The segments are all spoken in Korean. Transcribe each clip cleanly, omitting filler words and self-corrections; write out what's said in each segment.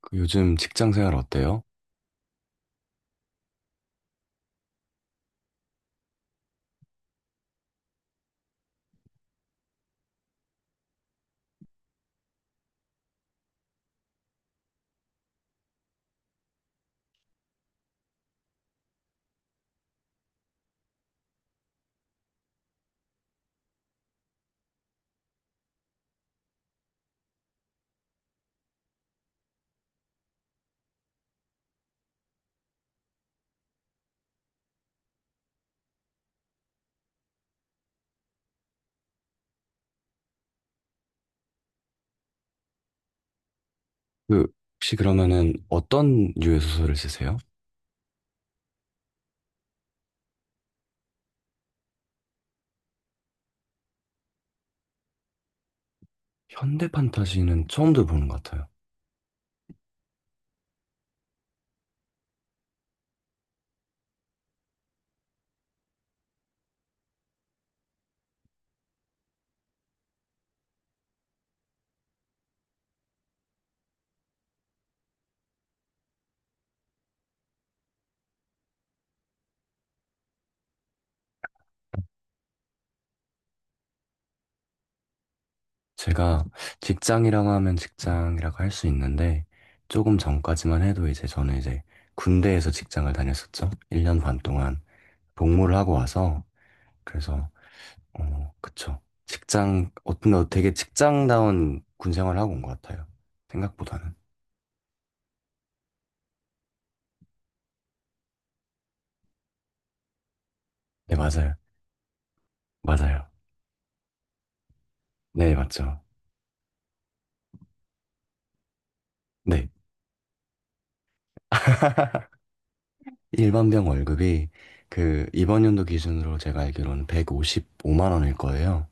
그 요즘 직장 생활 어때요? 그 혹시 그러면은 어떤 류의 소설을 쓰세요? 현대 판타지는 처음 들어보는 것 같아요. 제가 직장이라고 하면 직장이라고 할 수 있는데 조금 전까지만 해도 이제 저는 이제 군대에서 직장을 다녔었죠. 1년 반 동안 복무를 하고 와서 그래서 그쵸. 직장, 어떤, 되게 직장다운 군 생활하고 온 것 같아요. 생각보다는. 네, 맞아요. 맞아요. 네, 맞죠. 네. 일반병 월급이 그 이번 연도 기준으로 제가 알기로는 155만 원일 거예요.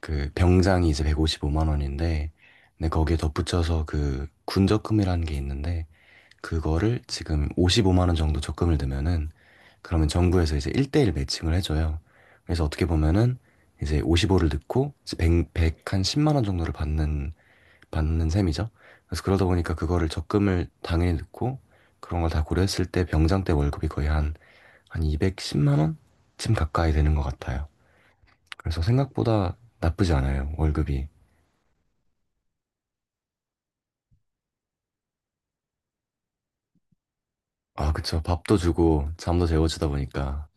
그 병장이 이제 155만 원인데, 근데 거기에 덧붙여서 그 군적금이라는 게 있는데, 그거를 지금 55만 원 정도 적금을 넣으면은 그러면 정부에서 이제 1대1 매칭을 해줘요. 그래서 어떻게 보면은 이제 55를 넣고 이제 100, 한 10만 원 정도를 받는 셈이죠. 그래서 그러다 보니까 그거를 적금을 당연히 넣고 그런 걸 다 고려했을 때 병장 때 월급이 거의 한 210만 원쯤 가까이 되는 것 같아요. 그래서 생각보다 나쁘지 않아요, 월급이. 아, 그쵸. 밥도 주고 잠도 재워주다 보니까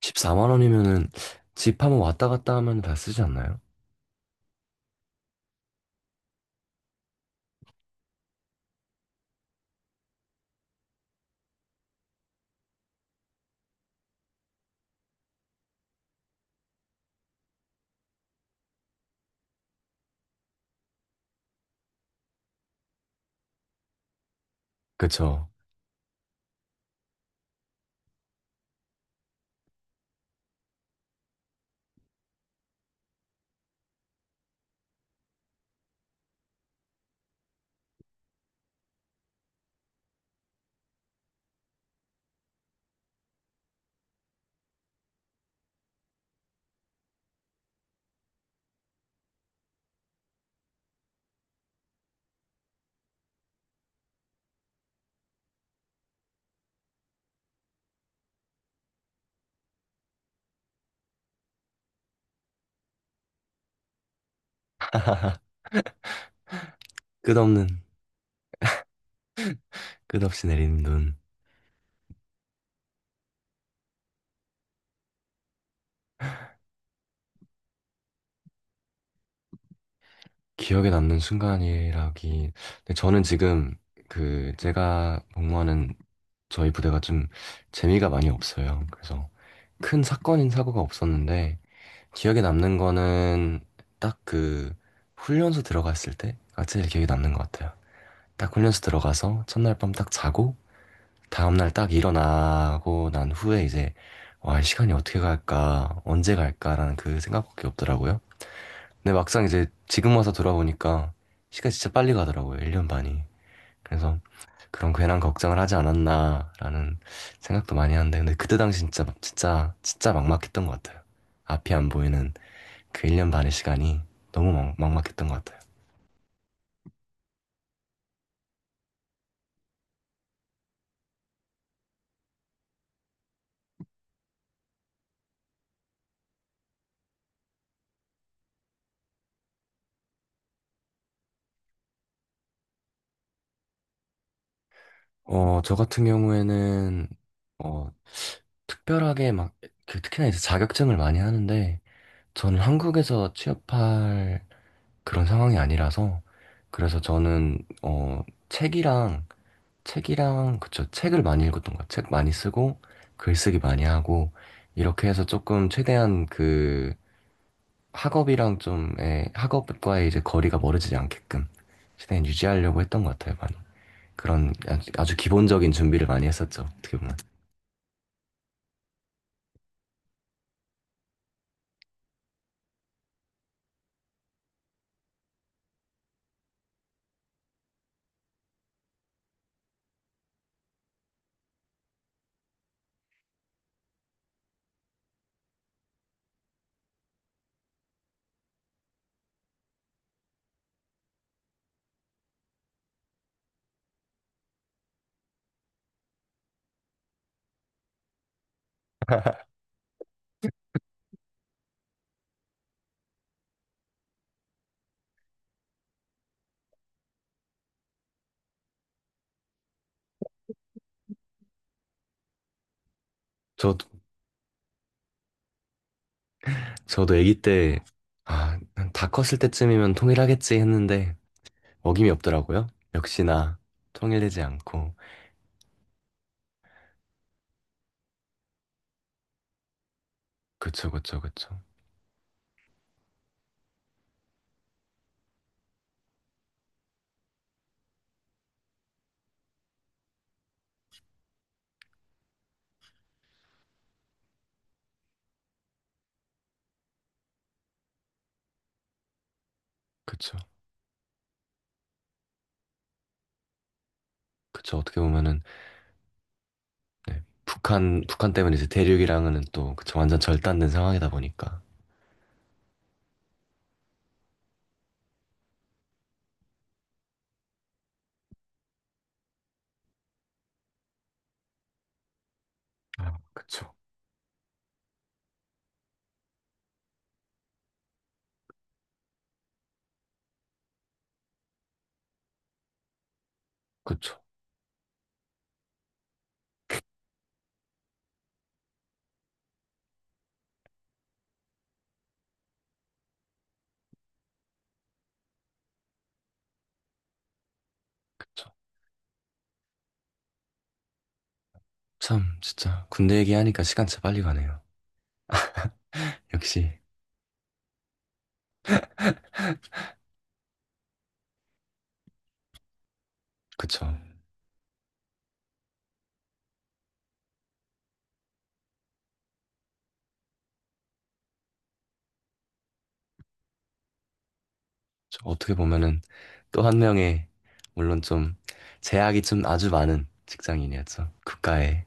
14만 원이면은 집 한번 왔다 갔다 하면 다 쓰지 않나요? 그쵸. 끝없는, 끝없이 내리는 눈. 기억에 남는 순간이라기. 근데 저는 지금 그 제가 복무하는 저희 부대가 좀 재미가 많이 없어요. 그래서 큰 사건인 사고가 없었는데 기억에 남는 거는 딱 그 훈련소 들어갔을 때가 제일 기억에 남는 것 같아요. 딱 훈련소 들어가서 첫날 밤 딱 자고 다음날 딱 일어나고 난 후에 이제 와, 이 시간이 어떻게 갈까, 언제 갈까라는 그 생각밖에 없더라고요. 근데 막상 이제 지금 와서 돌아보니까 시간이 진짜 빨리 가더라고요. 1년 반이. 그래서 그런 괜한 걱정을 하지 않았나라는 생각도 많이 하는데 근데 그때 당시 진짜 진짜 진짜 막막했던 것 같아요. 앞이 안 보이는 그 1년 반의 시간이 너무 막막했던 것 같아요. 저 같은 경우에는 어, 특별하게 막 그 특히나 이제 자격증을 많이 하는데 저는 한국에서 취업할 그런 상황이 아니라서 그래서 저는 책이랑, 그쵸. 책을 많이 읽었던 것 같아요. 책 많이 쓰고, 글쓰기 많이 하고, 이렇게 해서 조금 최대한 그 예, 학업과의 이제 거리가 멀어지지 않게끔 최대한 유지하려고 했던 것 같아요, 많이. 그런 아주, 아주 기본적인 준비를 많이 했었죠, 어떻게 보면. 저도, 저도 아기 때, 아, 다 컸을 때쯤이면 통일하겠지 했는데, 어김이 없더라고요. 역시나 통일되지 않고. 그쵸, 그쵸, 그쵸. 그쵸. 그쵸. 어떻게 보면은 네. 북한 때문에 이제 대륙이랑은 또 그쵸, 완전 절단된 상황이다 보니까. 아, 그쵸. 그쵸, 그쵸. 참, 진짜 군대 얘기하니까 시간 진짜 빨리 가네요. 역시, 그쵸. 저 어떻게 보면은 또 한 명의, 물론 좀 제약이 좀 아주 많은 직장인이었죠. 국가에.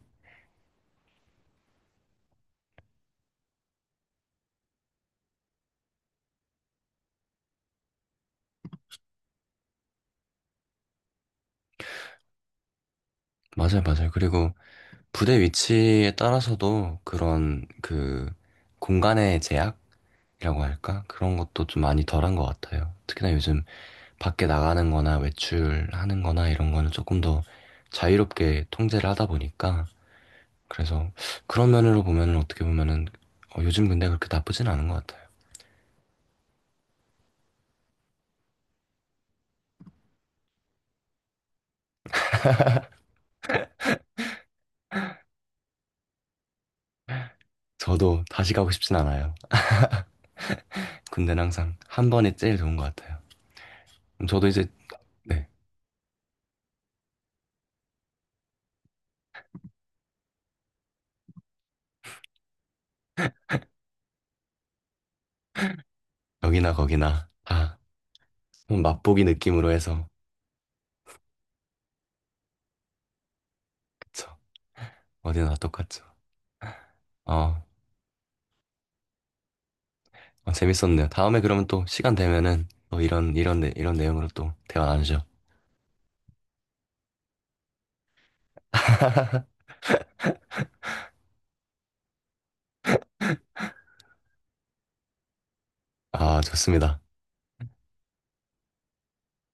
맞아요, 맞아요. 그리고 부대 위치에 따라서도 그런 그 공간의 제약이라고 할까? 그런 것도 좀 많이 덜한 것 같아요. 특히나 요즘 밖에 나가는 거나 외출하는 거나 이런 거는 조금 더 자유롭게 통제를 하다 보니까 그래서 그런 면으로 보면은 어떻게 보면은 요즘 군대 그렇게 나쁘진 않은 것 같아요. 저도 다시 가고 싶진 않아요. 군대는 항상 한 번이 제일 좋은 것 같아요. 그럼 저도 이제 네, 여기나 거기나 다 한번 맛보기 느낌으로 해서 그쵸. 어디나 다 똑같죠. 어, 재밌었네요. 다음에 그러면 또 시간 되면은 또 이런 내용으로 또 대화 나누죠. 아, 좋습니다.